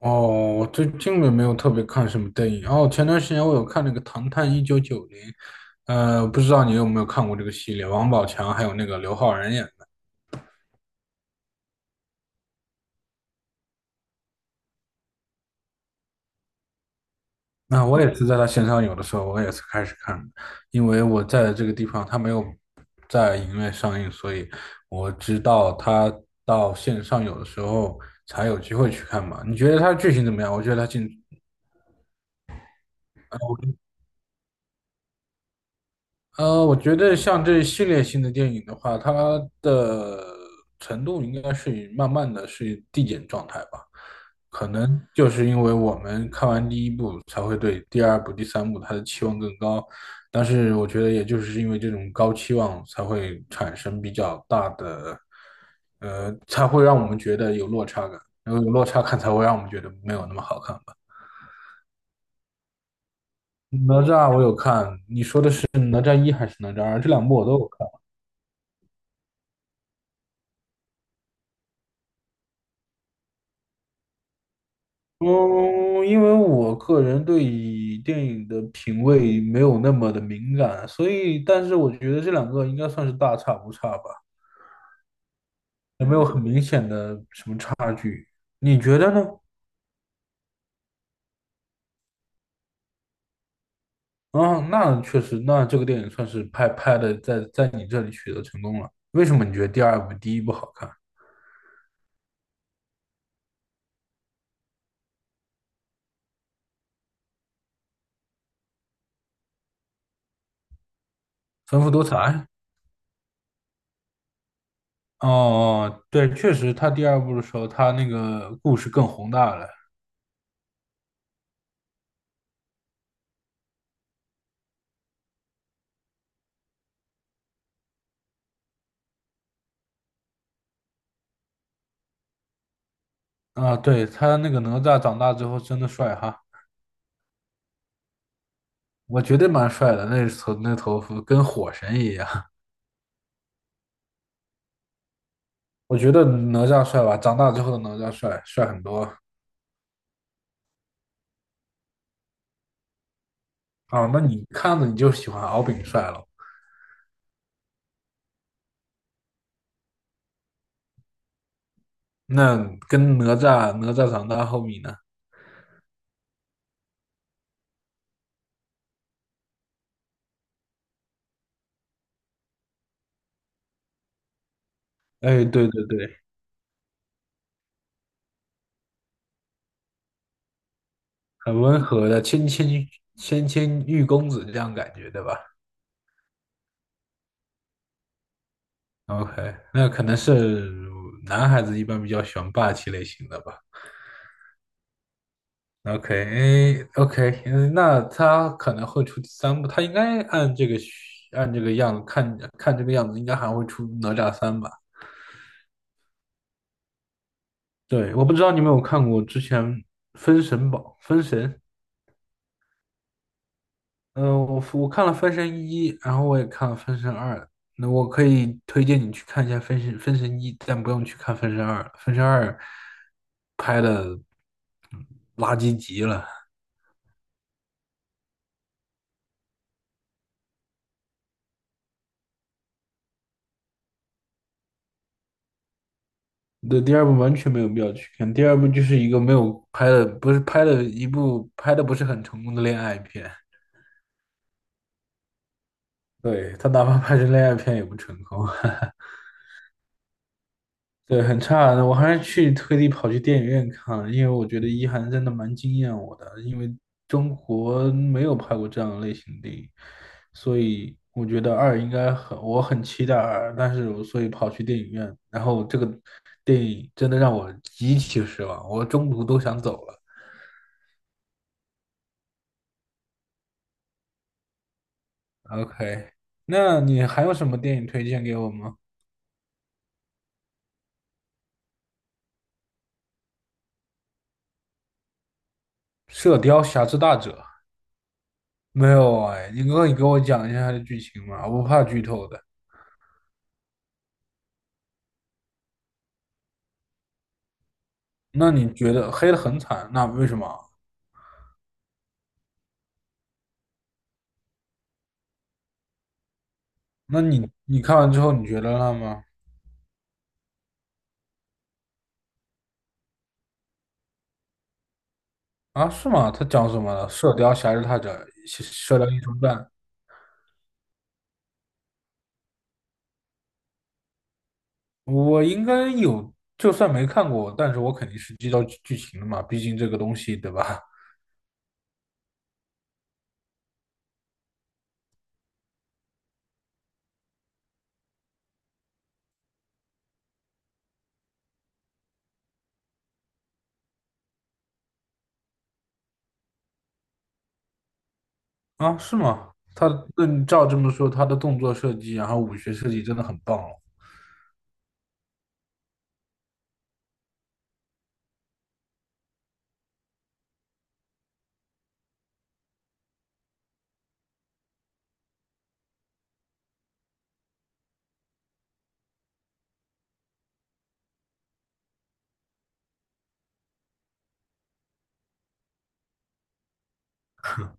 哦，我最近也没有特别看什么电影。哦，前段时间我有看那个《唐探一九九零》，不知道你有没有看过这个系列，王宝强还有那个刘昊然演的。那我也是在他线上有的时候，我也是开始看的，因为我在这个地方他没有在影院上映，所以我知道他到线上有的时候才有机会去看嘛。你觉得他剧情怎么样？我觉得像这系列性的电影的话，它的程度应该是慢慢的是递减状态吧。可能就是因为我们看完第一部，才会对第二部、第三部它的期望更高。但是我觉得，也就是因为这种高期望，才会产生比较大的，才会让我们觉得有落差感，然后有落差感才会让我们觉得没有那么好看吧。哪吒我有看，你说的是哪吒一还是哪吒二？这两部我都有看。嗯，因为我个人对于电影的品味没有那么的敏感，所以，但是我觉得这两个应该算是大差不差吧，也没有很明显的。你觉得呢？啊，那确实，那这个电影算是拍的在你这里取得成功了。为什么你觉得第二部第一部好看？丰富多彩？哦哦，对，确实，他第二部的时候，他那个故事更宏大了。啊，对，他那个哪吒长大之后真的帅哈。我觉得蛮帅的，那头发跟火神一样。我觉得哪吒帅吧，长大之后的哪吒帅很多啊。那你看着你就喜欢敖丙帅了，那跟哪吒长大后面呢？哎，对对对，很温和的谦谦玉公子这样感觉，对吧？OK，那可能是男孩子一般比较喜欢霸气类型的吧。OK，o k 嗯，那他可能会出第三部，他应该按这个样子看看这个样子，应该还会出哪吒三吧？对，我不知道你有没有看过之前《封神》，嗯、我看了《封神一》，然后我也看了《封神二》，那我可以推荐你去看一下《封神一》，但不用去看《封神二》，《封神二》拍的垃圾极了。对，第二部完全没有必要去看。第二部就是一个没有拍的，不是拍的一部拍的不是很成功的恋爱片。对，他哪怕拍成恋爱片也不成功，对，很差。的，我还是去特地跑去电影院看了，因为我觉得一涵真的蛮惊艳我的，因为中国没有拍过这样的类型的电影，所以我觉得二应该很，我很期待二，但是我所以跑去电影院，然后这个电影真的让我极其失望，我中途都想走了。OK，那你还有什么电影推荐给我吗？《射雕侠之大者》没有啊哎，你可以给我讲一下它的剧情嘛，我不怕剧透的。那你觉得黑的很惨，那为什么啊？那你看完之后你觉得了吗？啊，是吗？他讲什么了？《射雕侠之大者》射《雕英雄传》，我应该有，就算没看过，但是我肯定是知道剧情的嘛，毕竟这个东西，对吧？啊，是吗？那你照这么说，他的动作设计，然后武学设计真的很棒哦。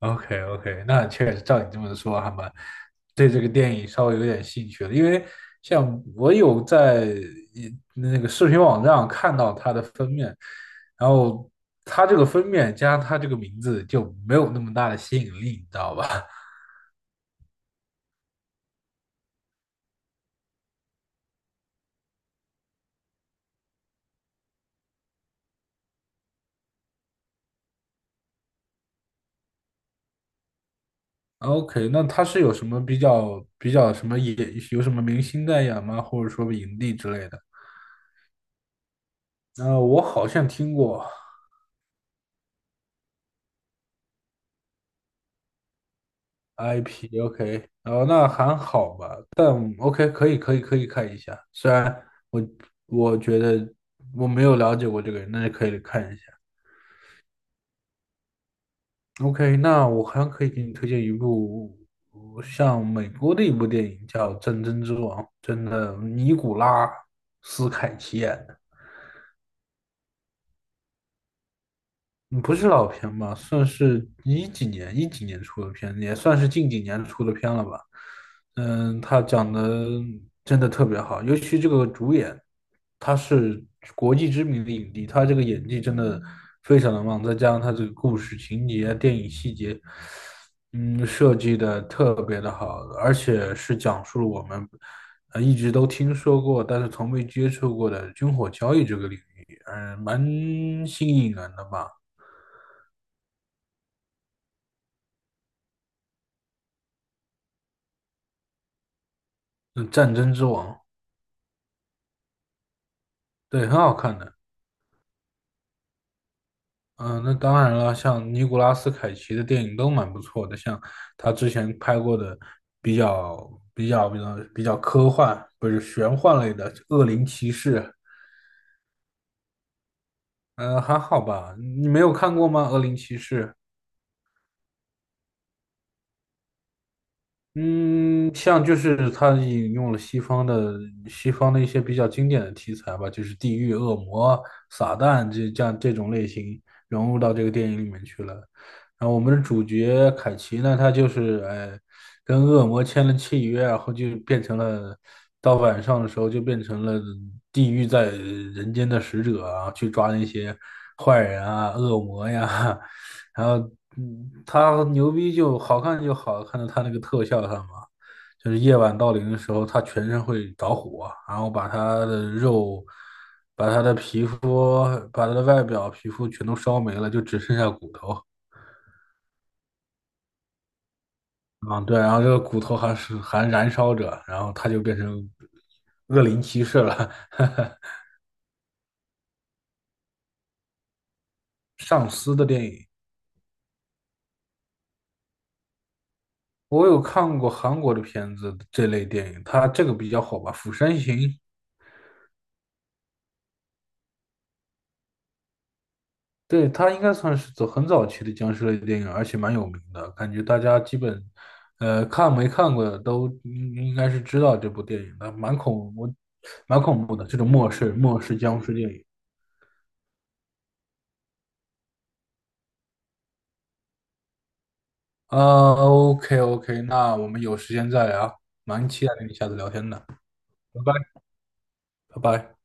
OK OK，那确实照你这么说，还蛮对这个电影稍微有点兴趣了，因为像我有在那个视频网站上看到它的封面，然后它这个封面加上它这个名字就没有那么大的吸引力，你知道吧 ？OK，那它是有什么比较什么有什么明星代言吗？或者说影帝之类的？我好像听过，IP，OK，然后那还好吧，但 OK，可以，可以，可以看一下。虽然我我觉得我没有了解过这个人，但是可以看一下。OK，那我还可以给你推荐一部像美国的一部电影，叫《战争之王》，真的，尼古拉斯凯奇演的。嗯不是老片吧，算是一几年出的片，也算是近几年出的片了吧。嗯，他讲的真的特别好，尤其这个主演，他是国际知名的影帝，他这个演技真的非常的棒，再加上他这个故事情节、电影细节，嗯，设计的特别的好，而且是讲述了我们一直都听说过，但是从未接触过的军火交易这个领域，嗯，蛮新颖人的吧。嗯，《战争之王》对，很好看的。嗯，那当然了，像尼古拉斯凯奇的电影都蛮不错的，像他之前拍过的比较科幻，不是玄幻类的《恶灵骑士》，还好吧？你没有看过吗？《恶灵骑士》嗯，像就是他引用了西方的一些比较经典的题材吧，就是地狱、恶魔、撒旦这样这种类型融入到这个电影里面去了。然后我们的主角凯奇呢，他就是跟恶魔签了契约，然后就变成了到晚上的时候就变成了地狱在人间的使者啊，去抓那些坏人啊、恶魔呀。然后，他牛逼就好看在他那个特效上嘛，就是夜晚到临的时候，他全身会着火，然后把他的肉、把他的皮肤、把他的外表、皮肤全都烧没了，就只剩下骨头。嗯，对，然后这个骨头还燃烧着，然后他就变成恶灵骑士了。上司的电影，我有看过韩国的片子，这类电影，他这个比较火吧，《釜山行》对，它应该算是走很早期的僵尸类电影，而且蛮有名的，感觉大家基本，看没看过的都应该是知道这部电影的，蛮恐怖的这种末世僵尸电影。啊 o k OK，那我们有时间再聊，蛮期待跟你下次聊天的，拜拜，拜拜。